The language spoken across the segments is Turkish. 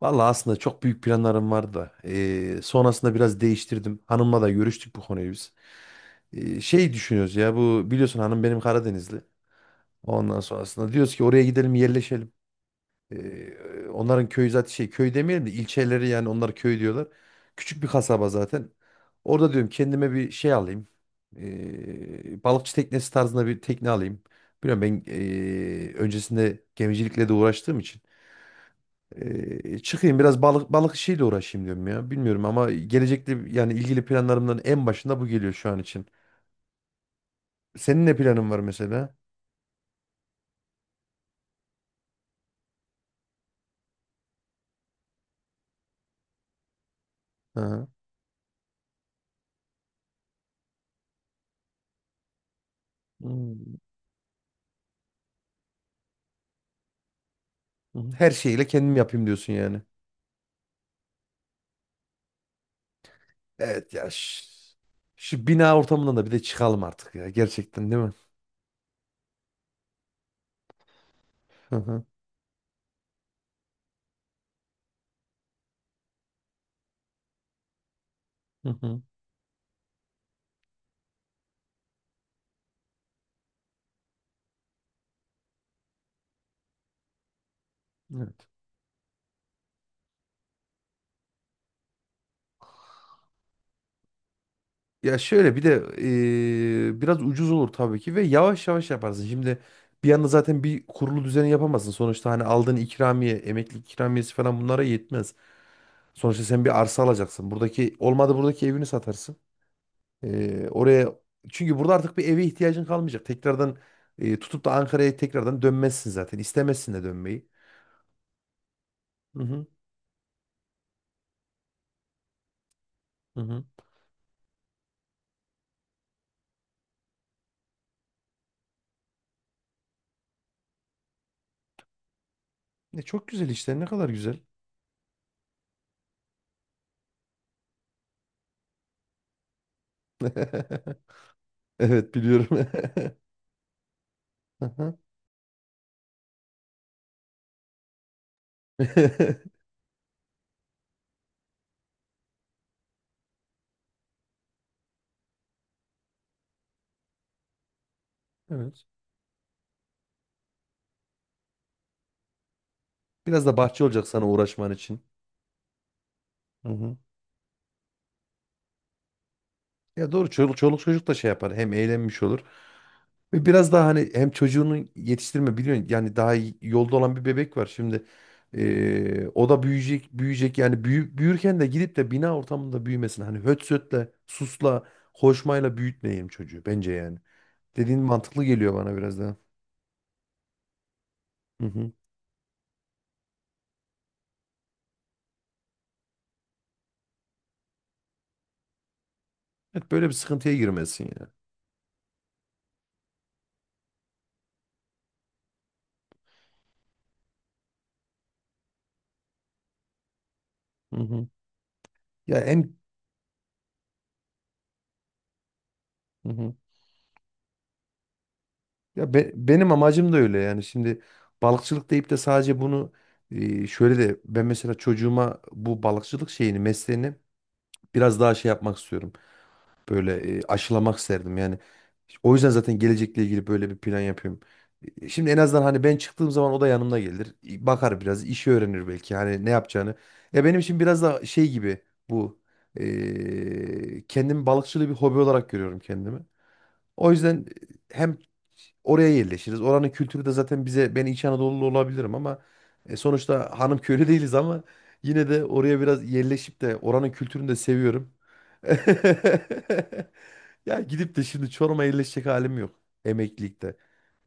Vallahi aslında çok büyük planlarım vardı da. Sonrasında biraz değiştirdim. Hanımla da görüştük bu konuyu biz. Şey düşünüyoruz ya bu biliyorsun hanım benim Karadenizli. Ondan sonrasında diyoruz ki oraya gidelim yerleşelim. Eee, Onların köyü zaten şey köy demeyelim de ilçeleri yani onlar köy diyorlar. Küçük bir kasaba zaten. Orada diyorum kendime bir şey alayım. Balıkçı teknesi tarzında bir tekne alayım. Biliyorum ben öncesinde gemicilikle de uğraştığım için. Çıkayım biraz balık işiyle uğraşayım diyorum ya. Bilmiyorum ama gelecekte yani ilgili planlarımdan en başında bu geliyor şu an için. Senin ne planın var mesela? Hı hı. Hmm. Hı. Her şeyiyle kendim yapayım diyorsun yani. Evet ya şu bina ortamından da bir de çıkalım artık ya gerçekten değil mi? Hı hı. Hı hı. Evet. Ya şöyle bir de biraz ucuz olur tabii ki ve yavaş yavaş yaparsın. Şimdi bir anda zaten bir kurulu düzeni yapamazsın. Sonuçta hani aldığın ikramiye, emeklilik ikramiyesi falan bunlara yetmez. Sonuçta sen bir arsa alacaksın. Buradaki olmadı buradaki evini satarsın. Oraya çünkü burada artık bir eve ihtiyacın kalmayacak. Tekrardan tutup da Ankara'ya tekrardan dönmezsin zaten. İstemezsin de dönmeyi. Hı hı, hı hı. Ne çok güzel işte. Ne kadar güzel. Evet biliyorum. Hı hı. Evet. Biraz da bahçe olacak sana uğraşman için. Hı hı. Ya doğru çoluk, çoluk çocuk da şey yapar. Hem eğlenmiş olur. Ve biraz daha hani hem çocuğunu yetiştirme biliyorsun yani daha yolda olan bir bebek var şimdi. O da büyüyecek yani büyürken de gidip de bina ortamında büyümesin. Hani höt sötle, susla, hoşmayla büyütmeyelim çocuğu bence yani. Dediğin mantıklı geliyor bana biraz daha. Hı hı. Evet, böyle bir sıkıntıya girmesin ya. Hı hı. Ya en hı hı. Ya benim amacım da öyle yani şimdi balıkçılık deyip de sadece bunu şöyle de ben mesela çocuğuma bu balıkçılık şeyini mesleğini biraz daha şey yapmak istiyorum. Böyle aşılamak isterdim yani. O yüzden zaten gelecekle ilgili böyle bir plan yapıyorum. Şimdi en azından hani ben çıktığım zaman o da yanımda gelir. E, bakar biraz, işi öğrenir belki. Hani ne yapacağını. Ya benim için biraz da şey gibi bu. Kendimi balıkçılığı bir hobi olarak görüyorum kendimi. O yüzden hem oraya yerleşiriz. Oranın kültürü de zaten bize ben İç Anadolu'lu olabilirim ama sonuçta hanım köylü değiliz ama yine de oraya biraz yerleşip de oranın kültürünü de seviyorum. Ya gidip de şimdi Çorum'a yerleşecek halim yok emeklilikte.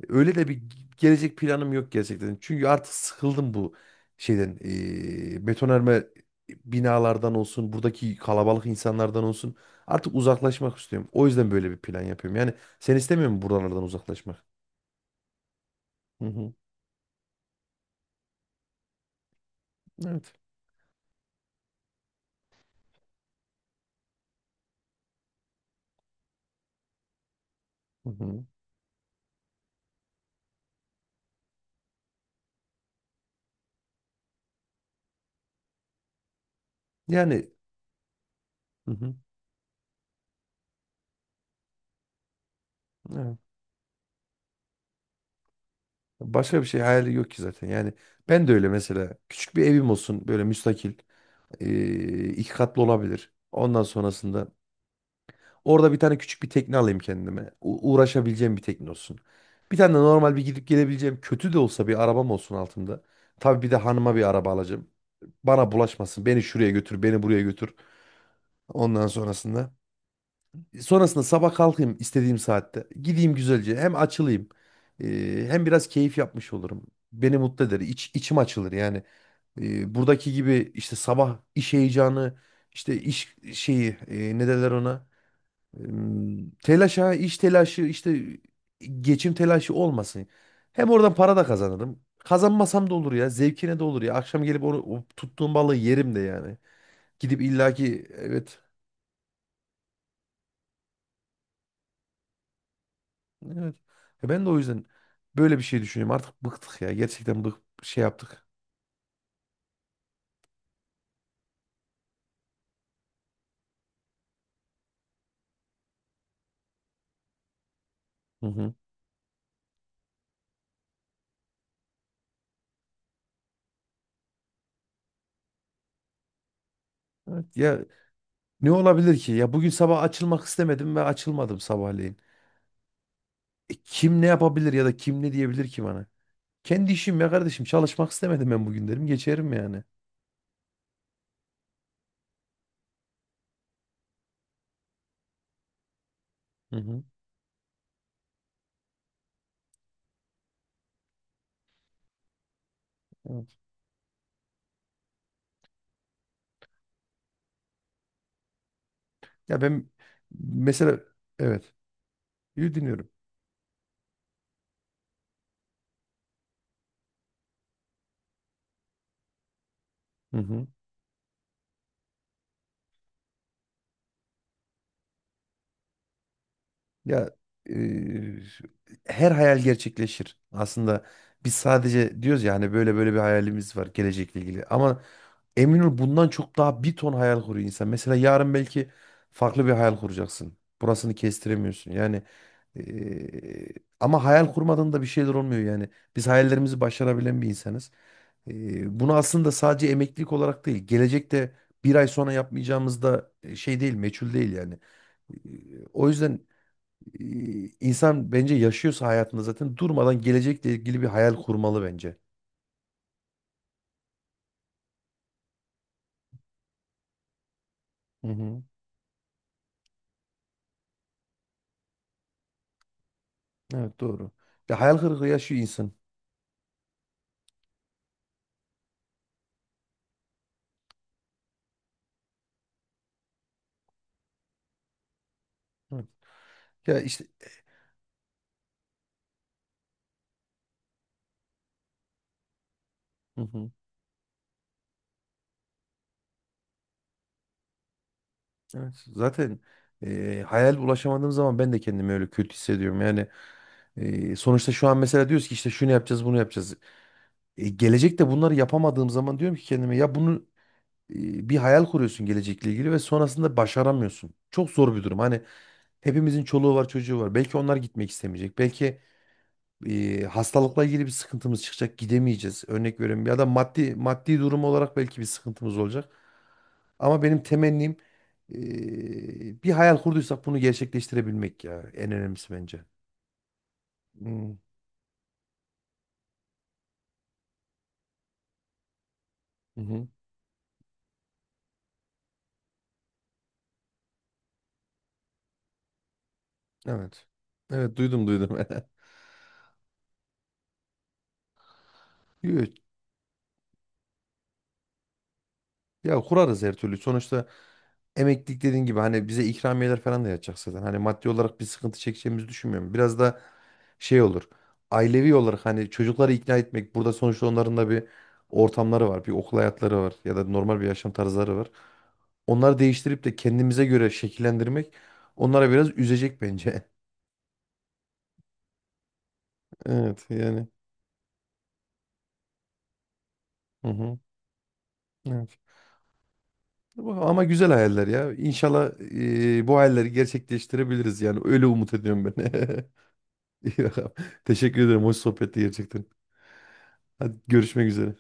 Öyle de bir gelecek planım yok gerçekten. Çünkü artık sıkıldım bu şeyden. Betonarme binalardan olsun, buradaki kalabalık insanlardan olsun. Artık uzaklaşmak istiyorum. O yüzden böyle bir plan yapıyorum. Yani sen istemiyor musun buralardan uzaklaşmak? Hı hı. Evet. Hı hı. Yani hı hı. Evet. Başka bir şey hayali yok ki zaten. Yani ben de öyle mesela küçük bir evim olsun böyle müstakil, iki katlı olabilir. Ondan sonrasında orada bir tane küçük bir tekne alayım kendime. Uğraşabileceğim bir tekne olsun. Bir tane de normal bir gidip gelebileceğim kötü de olsa bir arabam olsun altında. Tabii bir de hanıma bir araba alacağım. Bana bulaşmasın. Beni şuraya götür, beni buraya götür. Ondan sonrasında. Sonrasında sabah kalkayım istediğim saatte. Gideyim güzelce. Hem açılayım. Hem biraz keyif yapmış olurum. Beni mutlu eder. İçim açılır yani. E, buradaki gibi işte sabah iş heyecanı, işte iş şeyi, e, ne derler ona? Telaşa, iş telaşı, işte geçim telaşı olmasın. Hem oradan para da kazanırım. Kazanmasam da olur ya. Zevkine de olur ya. Akşam gelip onu o tuttuğum balığı yerim de yani. Gidip illaki evet. Evet. E ben de o yüzden böyle bir şey düşünüyorum. Artık bıktık ya. Gerçekten bık şey yaptık. Hı hı. Evet. Ya ne olabilir ki? Ya bugün sabah açılmak istemedim ve açılmadım sabahleyin. Kim ne yapabilir ya da kim ne diyebilir ki bana? Kendi işim ya kardeşim. Çalışmak istemedim ben bugün derim. Geçerim yani. Hı hı. Evet. Ya ben mesela evet yü dinliyorum. Hı hı. Ya e, her hayal gerçekleşir. Aslında biz sadece diyoruz ya hani böyle böyle bir hayalimiz var gelecekle ilgili. Ama emin ol bundan çok daha bir ton hayal kuruyor insan. Mesela yarın belki farklı bir hayal kuracaksın. Burasını kestiremiyorsun. Yani e, ama hayal kurmadan da bir şeyler olmuyor yani. Biz hayallerimizi başarabilen bir insanız. E, bunu aslında sadece emeklilik olarak değil, gelecekte bir ay sonra yapmayacağımız da şey değil, meçhul değil yani. O yüzden insan bence yaşıyorsa hayatında zaten durmadan gelecekle ilgili bir hayal kurmalı bence. Hı hı. Evet doğru. Ya hayal kırıklığı yaşıyor insan. Hı. Ya işte hı hı. Evet, zaten hayal ulaşamadığım zaman ben de kendimi öyle kötü hissediyorum. Yani sonuçta şu an mesela diyoruz ki işte şunu yapacağız, bunu yapacağız. E, gelecekte bunları yapamadığım zaman diyorum ki kendime ya bunu bir hayal kuruyorsun gelecekle ilgili ve sonrasında başaramıyorsun. Çok zor bir durum. Hani hepimizin çoluğu var, çocuğu var. Belki onlar gitmek istemeyecek. Belki hastalıkla ilgili bir sıkıntımız çıkacak, gidemeyeceğiz. Örnek veriyorum ya da maddi durum olarak belki bir sıkıntımız olacak. Ama benim temennim bir hayal kurduysak bunu gerçekleştirebilmek ya en önemlisi bence. Hmm, hı hı. Evet. Evet duydum. Yo, ya kurarız her türlü. Sonuçta emeklilik dediğin gibi hani bize ikramiyeler falan da yatacak zaten. Hani maddi olarak bir sıkıntı çekeceğimizi düşünmüyorum. Biraz da şey olur. Ailevi olarak hani çocukları ikna etmek. Burada sonuçta onların da bir ortamları var. Bir okul hayatları var. Ya da normal bir yaşam tarzları var. Onları değiştirip de kendimize göre şekillendirmek onlara biraz üzecek bence. Evet yani. Hı hı. Evet. Bu- ama güzel hayaller ya. İnşallah bu hayalleri gerçekleştirebiliriz yani. Öyle umut ediyorum ben. İyi bakalım. Teşekkür ederim. Hoş sohbetti gerçekten. Hadi görüşmek üzere.